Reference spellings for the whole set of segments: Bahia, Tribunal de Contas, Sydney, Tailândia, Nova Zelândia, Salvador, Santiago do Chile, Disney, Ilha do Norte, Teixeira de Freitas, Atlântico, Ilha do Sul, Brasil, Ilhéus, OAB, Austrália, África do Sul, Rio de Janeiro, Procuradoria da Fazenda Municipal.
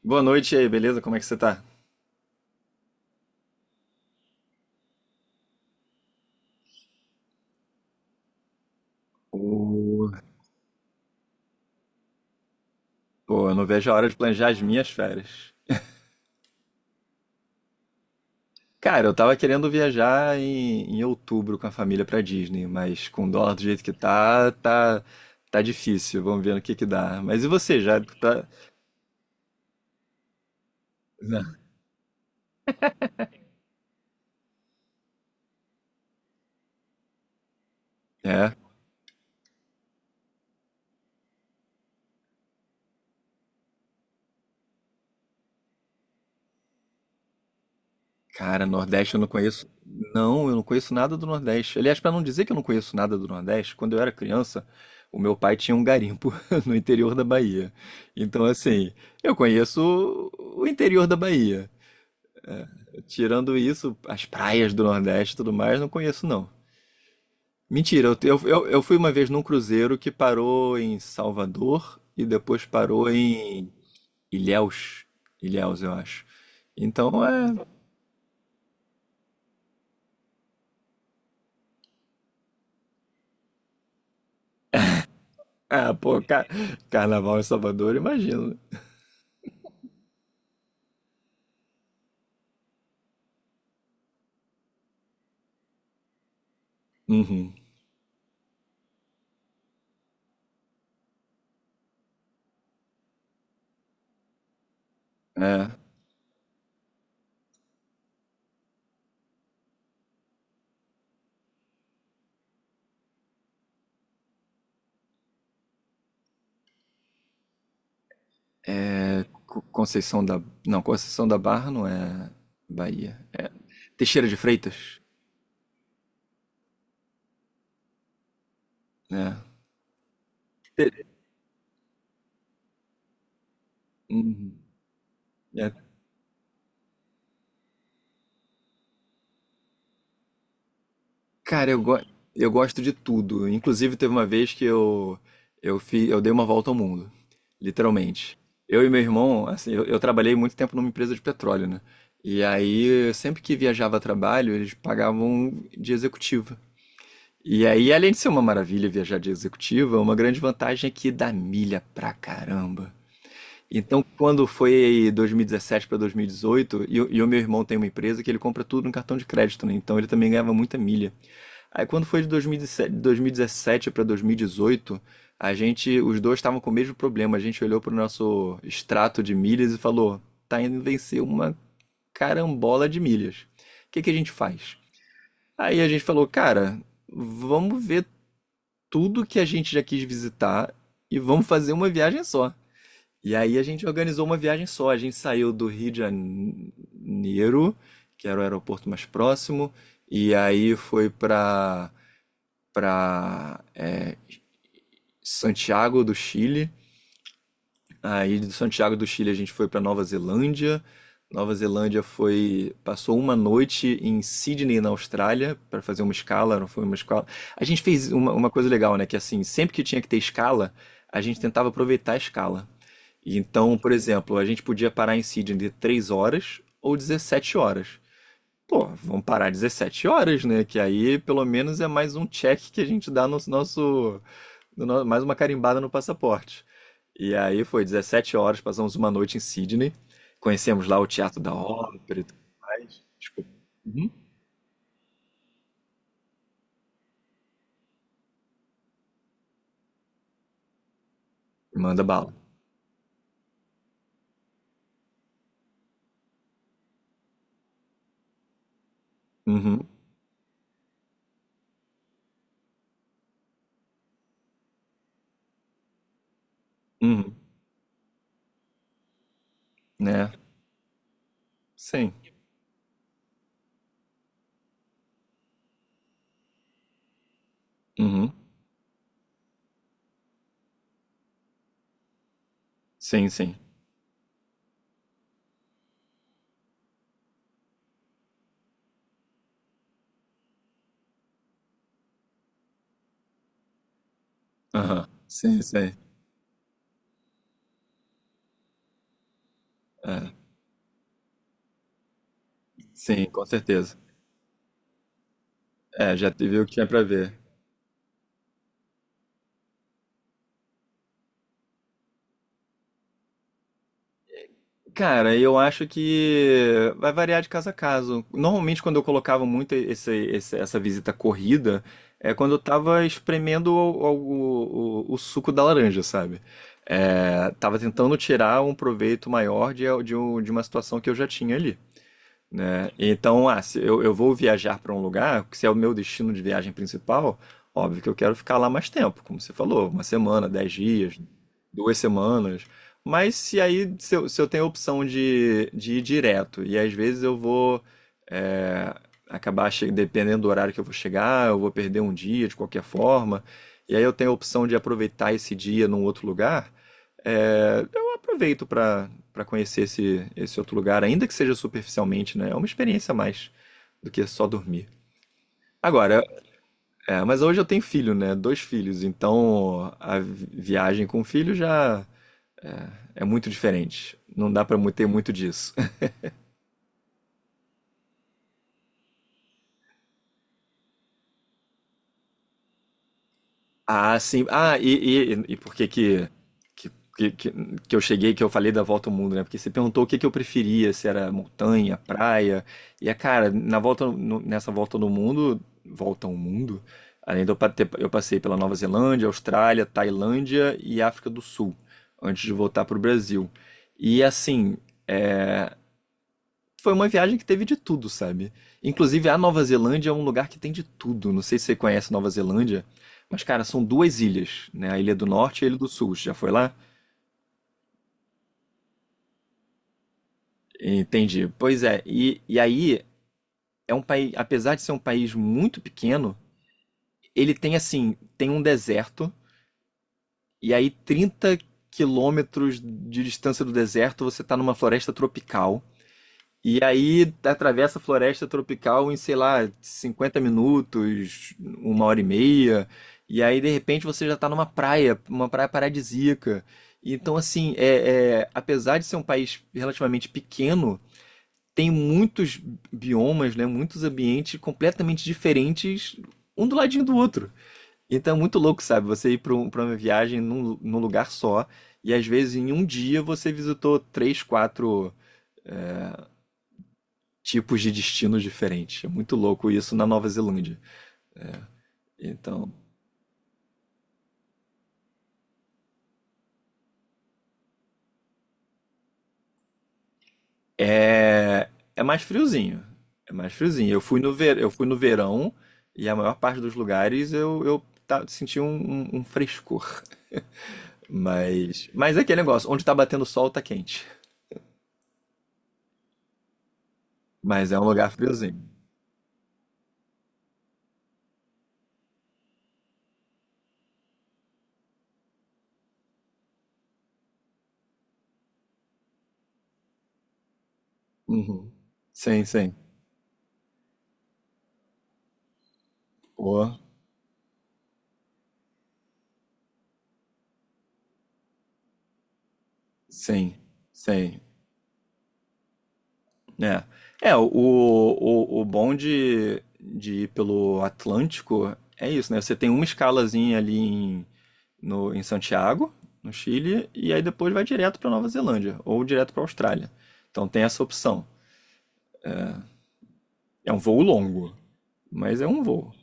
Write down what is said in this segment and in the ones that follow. Boa noite e aí, beleza? Como é que você tá? Ô, pô, eu não vejo a hora de planejar as minhas férias. Cara, eu tava querendo viajar em outubro com a família pra Disney, mas com o dólar do jeito que tá, tá difícil. Vamos ver no que dá. Mas e você, já tá. É, cara, Nordeste eu não conheço. Não, eu não conheço nada do Nordeste. Aliás, pra não dizer que eu não conheço nada do Nordeste, quando eu era criança, o meu pai tinha um garimpo no interior da Bahia. Então, assim, eu conheço o interior da Bahia. Tirando isso, as praias do Nordeste e tudo mais, não conheço não. Mentira, eu fui uma vez num cruzeiro que parou em Salvador e depois parou em Ilhéus. Ilhéus, eu acho. Então é. Ah, pô, carnaval em Salvador, imagino, né? Uhum. É, é. Conceição da. Não, Conceição da Barra não é Bahia. É Teixeira de Freitas, né? Te- Uhum. É, cara, eu gosto de tudo. Inclusive, teve uma vez que eu dei uma volta ao mundo, literalmente. Eu e meu irmão, assim, eu trabalhei muito tempo numa empresa de petróleo, né? E aí, sempre que viajava a trabalho, eles pagavam de executiva. E aí, além de ser uma maravilha viajar de executiva, uma grande vantagem é que dá milha pra caramba. Então, quando foi 2017 para 2018. E o meu irmão tem uma empresa que ele compra tudo no cartão de crédito, né? Então, ele também ganhava muita milha. Aí quando foi de dois mil e 2017 para 2018, a gente, os dois estavam com o mesmo problema. A gente olhou para o nosso extrato de milhas e falou: tá indo vencer uma carambola de milhas. O que que a gente faz? Aí a gente falou: cara, vamos ver tudo que a gente já quis visitar e vamos fazer uma viagem só. E aí a gente organizou uma viagem só. A gente saiu do Rio de Janeiro, que era o aeroporto mais próximo, e aí foi para Santiago do Chile. Aí de Santiago do Chile a gente foi para Nova Zelândia. Nova Zelândia foi, passou uma noite em Sydney, na Austrália, para fazer uma escala, não foi uma escala. A gente fez uma coisa legal, né, que assim, sempre que tinha que ter escala, a gente tentava aproveitar a escala. E então, por exemplo, a gente podia parar em Sydney de 3 horas ou 17 horas. Pô, vamos parar 17 horas, né? Que aí pelo menos é mais um check que a gente dá no nosso, mais uma carimbada no passaporte. E aí foi 17 horas, passamos uma noite em Sydney, conhecemos lá o Teatro da Ópera, e tudo. Tipo, uhum. Manda bala. Uhum, uhum, né? Sim, uhum, sim, sim, aham, sim, sim, é, sim, com certeza. É, já teve o que tinha pra ver. Cara, eu acho que vai variar de caso a caso. Normalmente, quando eu colocava muito essa visita corrida, é quando eu tava espremendo o suco da laranja, sabe? É, tava tentando tirar um proveito maior de uma situação que eu já tinha ali, né? Então, se eu vou viajar para um lugar, se é o meu destino de viagem principal, óbvio que eu quero ficar lá mais tempo, como você falou, uma semana, 10 dias, 2 semanas. Mas se eu tenho a opção de ir direto, e às vezes eu vou é, acabar, dependendo do horário que eu vou chegar, eu vou perder um dia de qualquer forma, e aí eu tenho a opção de aproveitar esse dia num outro lugar, eu aproveito para conhecer esse outro lugar, ainda que seja superficialmente, né? É uma experiência a mais do que só dormir. Agora, mas hoje eu tenho filho, né? Dois filhos, então a viagem com filho já é muito diferente. Não dá para ter muito disso. Ah, sim. Ah, e por que, que que que eu cheguei, que eu falei da volta ao mundo, né? Porque você perguntou o que que eu preferia, se era montanha, praia. E, cara, na volta, nessa volta no mundo, volta ao mundo, além de eu passei pela Nova Zelândia, Austrália, Tailândia e África do Sul, antes de voltar para o Brasil. E, assim, é, foi uma viagem que teve de tudo, sabe? Inclusive, a Nova Zelândia é um lugar que tem de tudo. Não sei se você conhece Nova Zelândia, mas, cara, são duas ilhas, né? A Ilha do Norte e a Ilha do Sul. Você já foi lá? Entendi. Pois é, e aí é um país, apesar de ser um país muito pequeno, ele tem assim, tem um deserto, e aí 30 quilômetros de distância do deserto você tá numa floresta tropical. E aí atravessa a floresta tropical em, sei lá, 50 minutos, uma hora e meia. E aí, de repente, você já está numa praia, uma praia paradisíaca. Então, assim, apesar de ser um país relativamente pequeno, tem muitos biomas, né? Muitos ambientes completamente diferentes, um do ladinho do outro. Então é muito louco, sabe? Você ir para uma viagem num lugar só, e às vezes em um dia você visitou três, quatro tipos de destinos diferentes. É muito louco isso na Nova Zelândia. Então, é, é mais friozinho. É mais friozinho. Eu fui no verão e a maior parte dos lugares eu, senti um frescor. Mas é aquele negócio, onde tá batendo sol tá quente. Mas é um lugar friozinho. Uhum. Sim, sim. Pô, sim, sim. É. É, o bom de ir pelo Atlântico é isso, né? Você tem uma escalazinha ali em Santiago, no Chile, e aí depois vai direto para Nova Zelândia ou direto para Austrália. Então tem essa opção. É um voo longo, mas é um voo,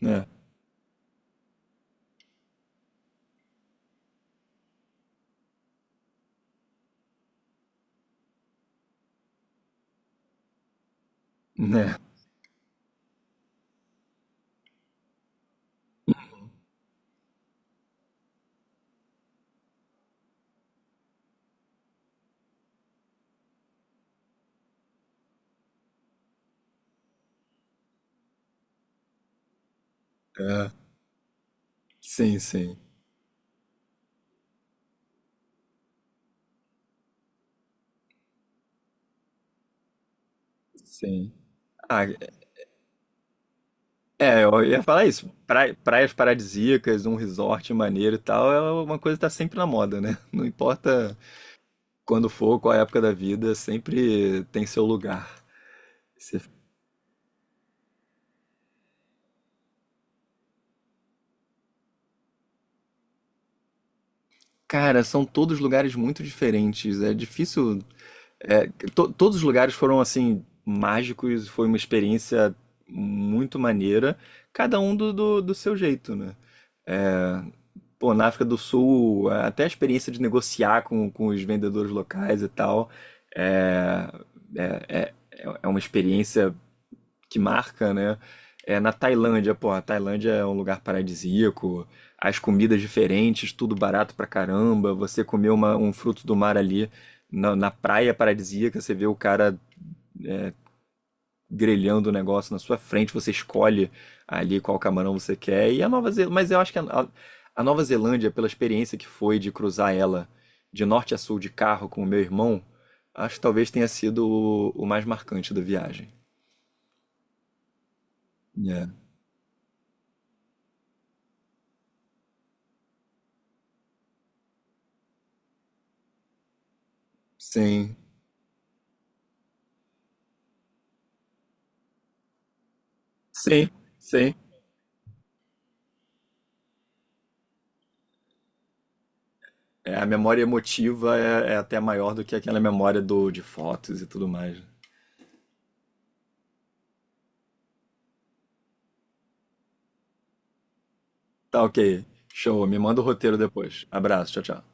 né? Né? É. Sim, sim, sim. Ah, é, eu ia falar isso. Praias paradisíacas, um resort maneiro e tal, é uma coisa que tá sempre na moda, né? Não importa quando for, qual época da vida, sempre tem seu lugar. Você- Cara, são todos lugares muito diferentes. É difícil. é, Todos os lugares foram assim mágicos. Foi uma experiência muito maneira. Cada um do seu jeito, né? Pô, na África do Sul, até a experiência de negociar com os vendedores locais e tal, é, é uma experiência que marca, né? É na Tailândia, pô, a Tailândia é um lugar paradisíaco, as comidas diferentes, tudo barato pra caramba. Você comer um fruto do mar ali na praia paradisíaca, você vê o cara grelhando o negócio na sua frente, você escolhe ali qual camarão você quer. E a Nova Zelândia, mas eu acho que a Nova Zelândia, pela experiência que foi de cruzar ela de norte a sul de carro com o meu irmão, acho que talvez tenha sido o mais marcante da viagem. É. Sim, sim, sim. É, a memória emotiva é, é até maior do que aquela memória de fotos e tudo mais. Tá, ok. Show. Me manda o roteiro depois. Abraço. Tchau, tchau.